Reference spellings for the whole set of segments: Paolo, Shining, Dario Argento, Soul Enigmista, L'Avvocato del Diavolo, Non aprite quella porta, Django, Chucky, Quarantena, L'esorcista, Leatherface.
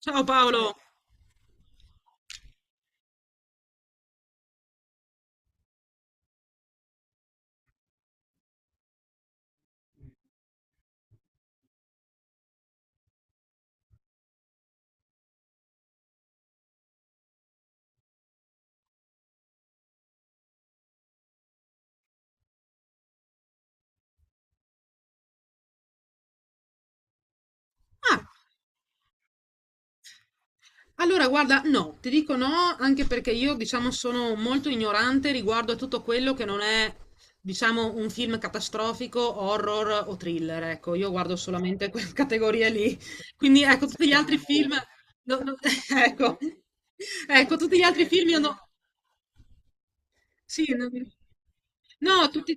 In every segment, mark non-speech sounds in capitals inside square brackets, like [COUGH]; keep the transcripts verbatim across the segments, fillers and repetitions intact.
Ciao Paolo. Ah, allora guarda, no, ti dico no, anche perché io, diciamo, sono molto ignorante riguardo a tutto quello che non è, diciamo, un film catastrofico, horror o thriller. Ecco, io guardo solamente [LAUGHS] quelle categorie lì. Quindi, ecco, tutti gli altri film, no, no, [LAUGHS] ecco, ecco, tutti gli altri film io no- Sì, no, no, tutti...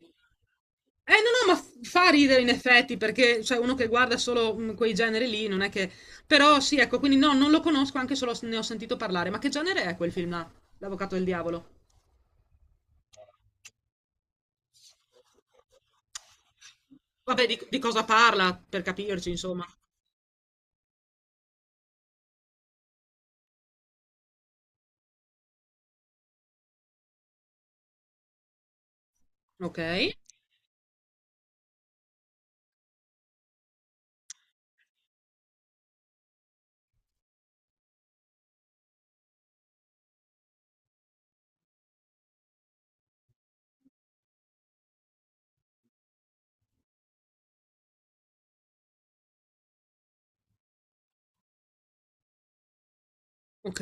Eh no, no, ma f- fa ridere in effetti, perché cioè, uno che guarda solo mm, quei generi lì non è che... Però sì, ecco, quindi no, non lo conosco, anche solo s- ne ho sentito parlare. Ma che genere è quel film là? L'Avvocato del Diavolo? Vabbè, di, di cosa parla, per capirci, insomma. Ok, ok.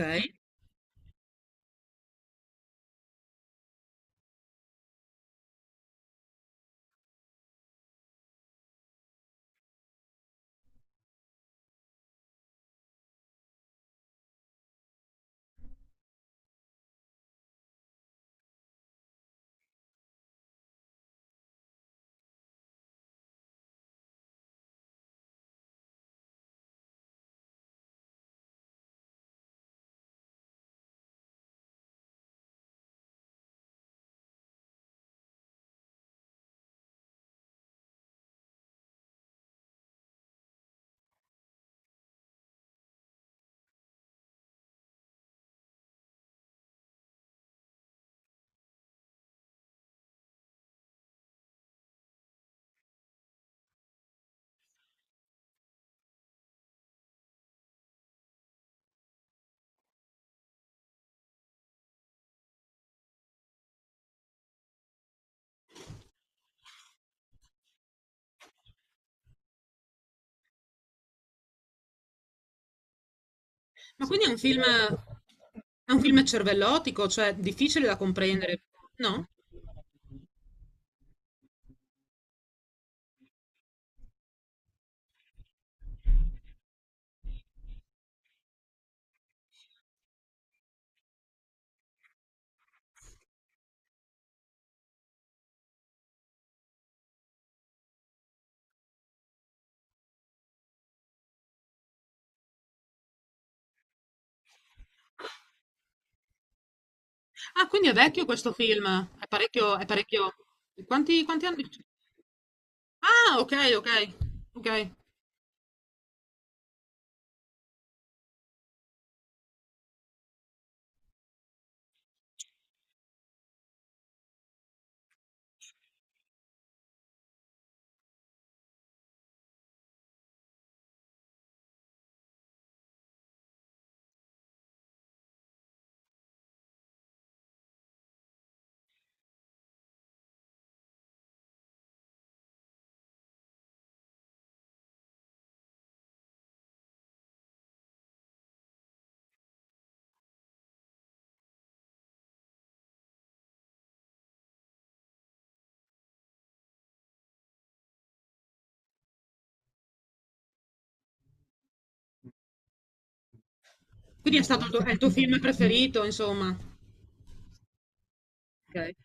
Ma quindi è un film... È un film cervellotico, cioè difficile da comprendere, no? Ah, quindi è vecchio questo film, è parecchio... È parecchio... Quanti, quanti anni? Ah, okay, okay, okay. Quindi è stato il tuo è il tuo film preferito insomma. Okay.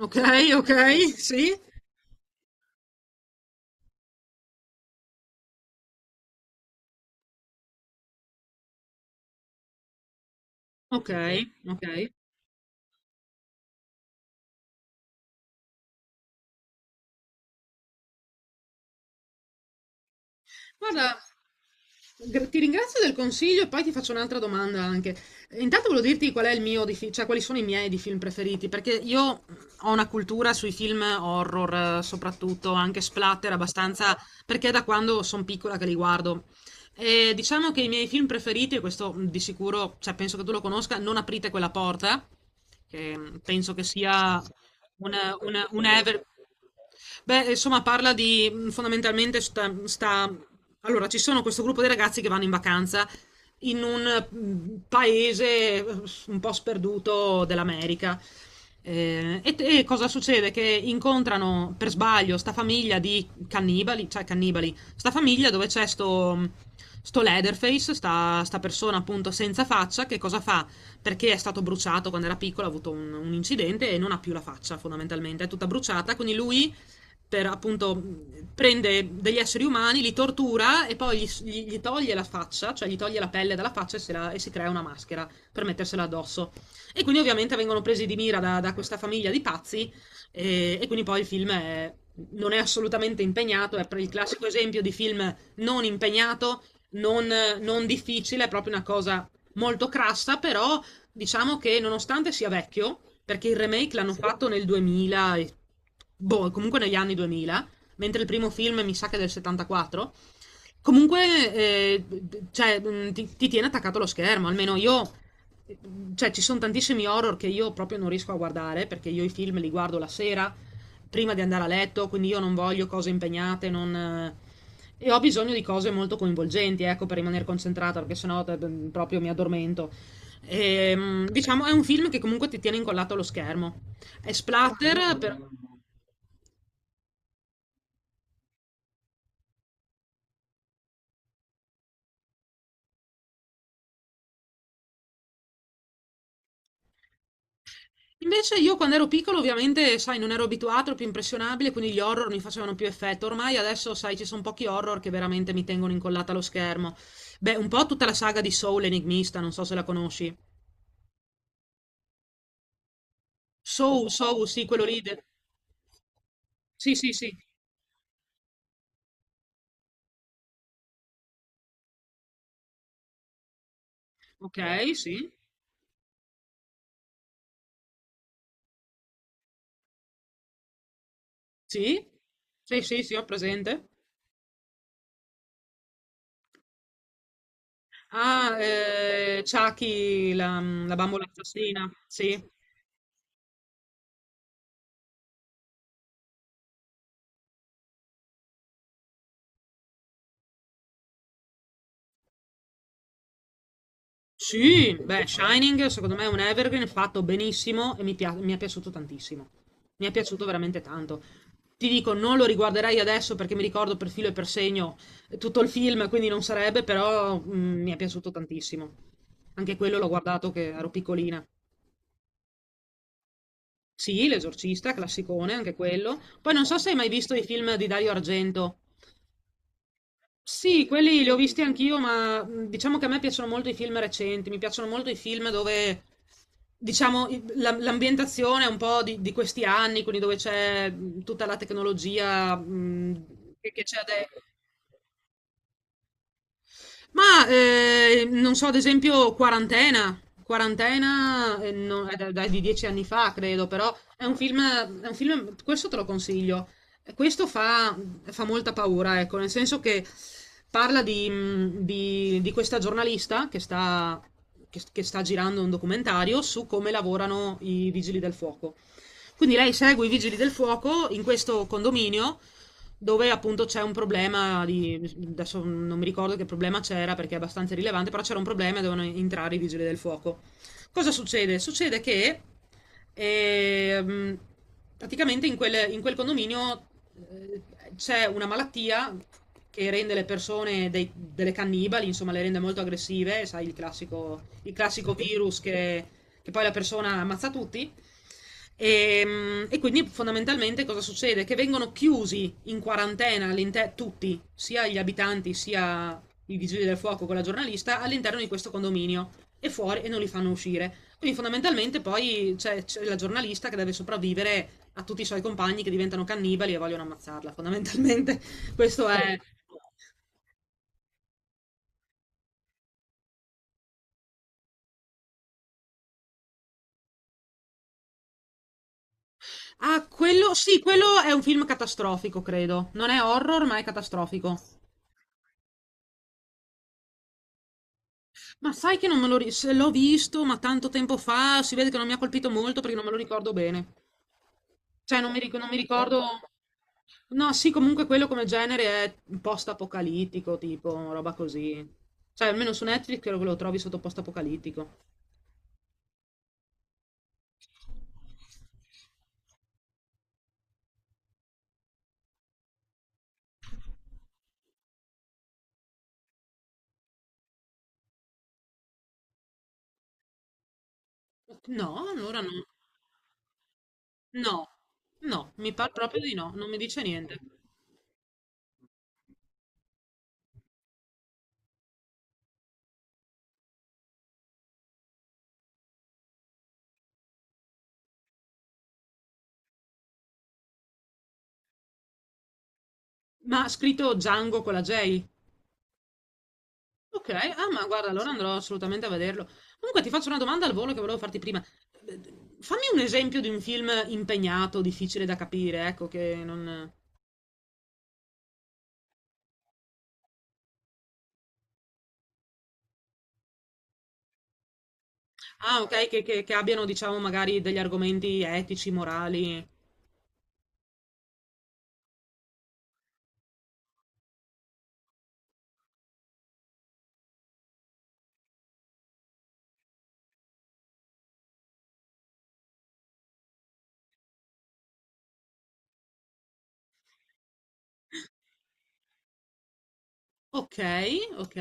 Okay, okay, sì. Okay, okay. Guarda, gra- ti ringrazio del consiglio e poi ti faccio un'altra domanda anche. Eh, Intanto volevo dirti qual è il mio di fi- cioè quali sono i miei di film preferiti, perché io ho una cultura sui film horror, eh, soprattutto anche splatter abbastanza, perché è da quando sono piccola che li guardo. E diciamo che i miei film preferiti, e questo mh, di sicuro, cioè penso che tu lo conosca, Non aprite quella porta, che mh, penso che sia un, un, un ever... Beh, insomma, parla di mh, fondamentalmente sta, sta allora, ci sono questo gruppo di ragazzi che vanno in vacanza in un mm, paese eh, un po' sperduto dell'America. Eh, e, e cosa succede? Che incontrano per sbaglio sta famiglia di cannibali, cioè cannibali, sta famiglia dove c'è sto, mm, sto Leatherface, sta, sta persona appunto senza faccia, che cosa fa? Perché è stato bruciato quando era piccolo, ha avuto un, un incidente e non ha più la faccia fondamentalmente, è tutta bruciata, quindi lui per appunto mh, prende degli esseri umani, li tortura e poi gli, gli- gli toglie la faccia, cioè gli toglie la pelle dalla faccia e, se la- e si crea una maschera per mettersela addosso. E quindi ovviamente vengono presi di mira da, da questa famiglia di pazzi e, e quindi poi il film è- non è assolutamente impegnato, è per il classico esempio di film non impegnato, non, non difficile, è proprio una cosa molto crassa, però. Diciamo che nonostante sia vecchio, perché il remake l'hanno, sì, fatto nel duemila, e- boh, comunque negli anni duemila, mentre il primo film mi sa che è del settantaquattro, comunque eh, cioè, mh, ti, ti tiene attaccato allo schermo, almeno io, eh, cioè ci sono tantissimi horror che io proprio non riesco a guardare, perché io i film li guardo la sera, prima di andare a letto, quindi io non voglio cose impegnate, non... eh, e ho bisogno di cose molto coinvolgenti, ecco, per rimanere concentrata, perché sennò eh, proprio mi addormento. E, mm, diciamo, è un film che comunque ti tiene incollato allo schermo. È splatter, per- Invece io quando ero piccolo ovviamente, sai, non ero abituato, ero più impressionabile, quindi gli horror mi facevano più effetto. Ormai adesso, sai, ci sono pochi horror che veramente mi tengono incollata allo schermo. Beh, un po' tutta la saga di Soul Enigmista, non so se la conosci. Soul, Soul, sì, quello lì. De- Sì, sì, sì. Ok, sì. Sì? Sì, sì, sì, ho presente. Ah, eh, Chucky, la, la bambola assassina. Sì. Sì, beh, Shining secondo me è un evergreen fatto benissimo e mi pia- mi è piaciuto tantissimo. Mi è piaciuto veramente tanto. Ti dico, non lo riguarderei adesso perché mi ricordo per filo e per segno tutto il film, quindi non sarebbe, però mm, mi è piaciuto tantissimo. Anche quello l'ho guardato che ero piccolina. Sì, L'esorcista, classicone anche quello. Poi non so se hai mai visto i film di Dario Argento. Sì, quelli li ho visti anch'io, ma mh, diciamo che a me piacciono molto i film recenti, mi piacciono molto i film dove, diciamo, i- la- l'ambientazione è un po' di, di questi anni, quindi dove c'è mh, tutta la tecnologia mh, che che c'è adesso. Ma eh, non so, ad esempio, Quarantena. Quarantena eh, no- è, da- da- è di dieci anni fa, credo, però è un film, è un film, questo te lo consiglio. Questo fa, fa molta paura, ecco, nel senso che parla di, mh, di- di questa giornalista che sta, che che sta girando un documentario su come lavorano i vigili del fuoco. Quindi lei segue i vigili del fuoco in questo condominio dove appunto c'è un problema di, adesso non mi ricordo che problema c'era perché è abbastanza rilevante, però c'era un problema e dovevano entrare i vigili del fuoco. Cosa succede? Succede che ehm, praticamente in quel, in quel condominio eh, c'è una malattia che rende le persone dei- delle cannibali, insomma le rende molto aggressive, sai il classico, il classico virus che che poi la persona ammazza tutti. E, e quindi fondamentalmente cosa succede? Che vengono chiusi in quarantena all'inter- tutti, sia gli abitanti sia i vigili del fuoco con la giornalista, all'interno di questo condominio e fuori e non li fanno uscire. Quindi fondamentalmente poi c'è, c'è la giornalista che deve sopravvivere a tutti i suoi compagni che diventano cannibali e vogliono ammazzarla, fondamentalmente. [LAUGHS] Questo è... Ah, quello... Sì, quello è un film catastrofico, credo. Non è horror, ma è catastrofico. Ma sai che non me lo ri- se l'ho visto, ma tanto tempo fa, si vede che non mi ha colpito molto perché non me lo ricordo bene. Cioè, non mi, ric- non mi ricordo. No, sì, comunque quello come genere è post-apocalittico, tipo, roba così. Cioè, almeno su Netflix credo che lo trovi sotto post-apocalittico. No, allora no. No, no, mi pare proprio di no, non mi dice niente. Ma ha scritto Django con la J? Ok, ah ma guarda, allora andrò assolutamente a vederlo. Comunque ti faccio una domanda al volo che volevo farti prima. Fammi un esempio di un film impegnato, difficile da capire, ecco, che non... Ah, ok, che, che- che abbiano, diciamo, magari degli argomenti etici, morali. Ok, ok.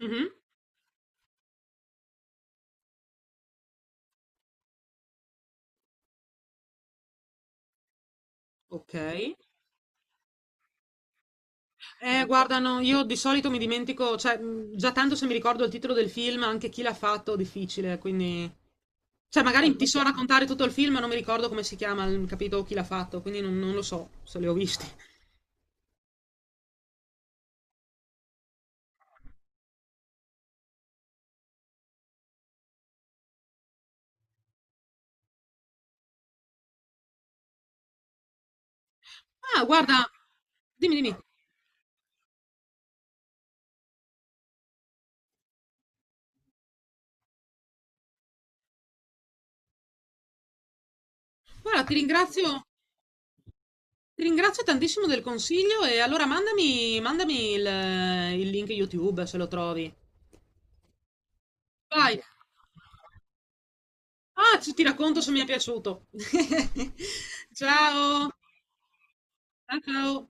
Mhm. Ok. Eh, guarda, no, io di solito mi dimentico, cioè, mh, già tanto se mi ricordo il titolo del film, anche chi l'ha fatto, difficile, quindi... Cioè, magari ti so raccontare tutto il film, ma non mi ricordo come si chiama, il- capito chi l'ha fatto, quindi non, non lo so se li ho visti. Ah, guarda, dimmi, dimmi. Guarda, ti ringrazio, ti ringrazio tantissimo del consiglio e allora mandami, mandami il, il link YouTube se lo trovi. Vai. Ah, ci- ti racconto se mi è piaciuto. [LAUGHS] Ciao. Ciao. ciao.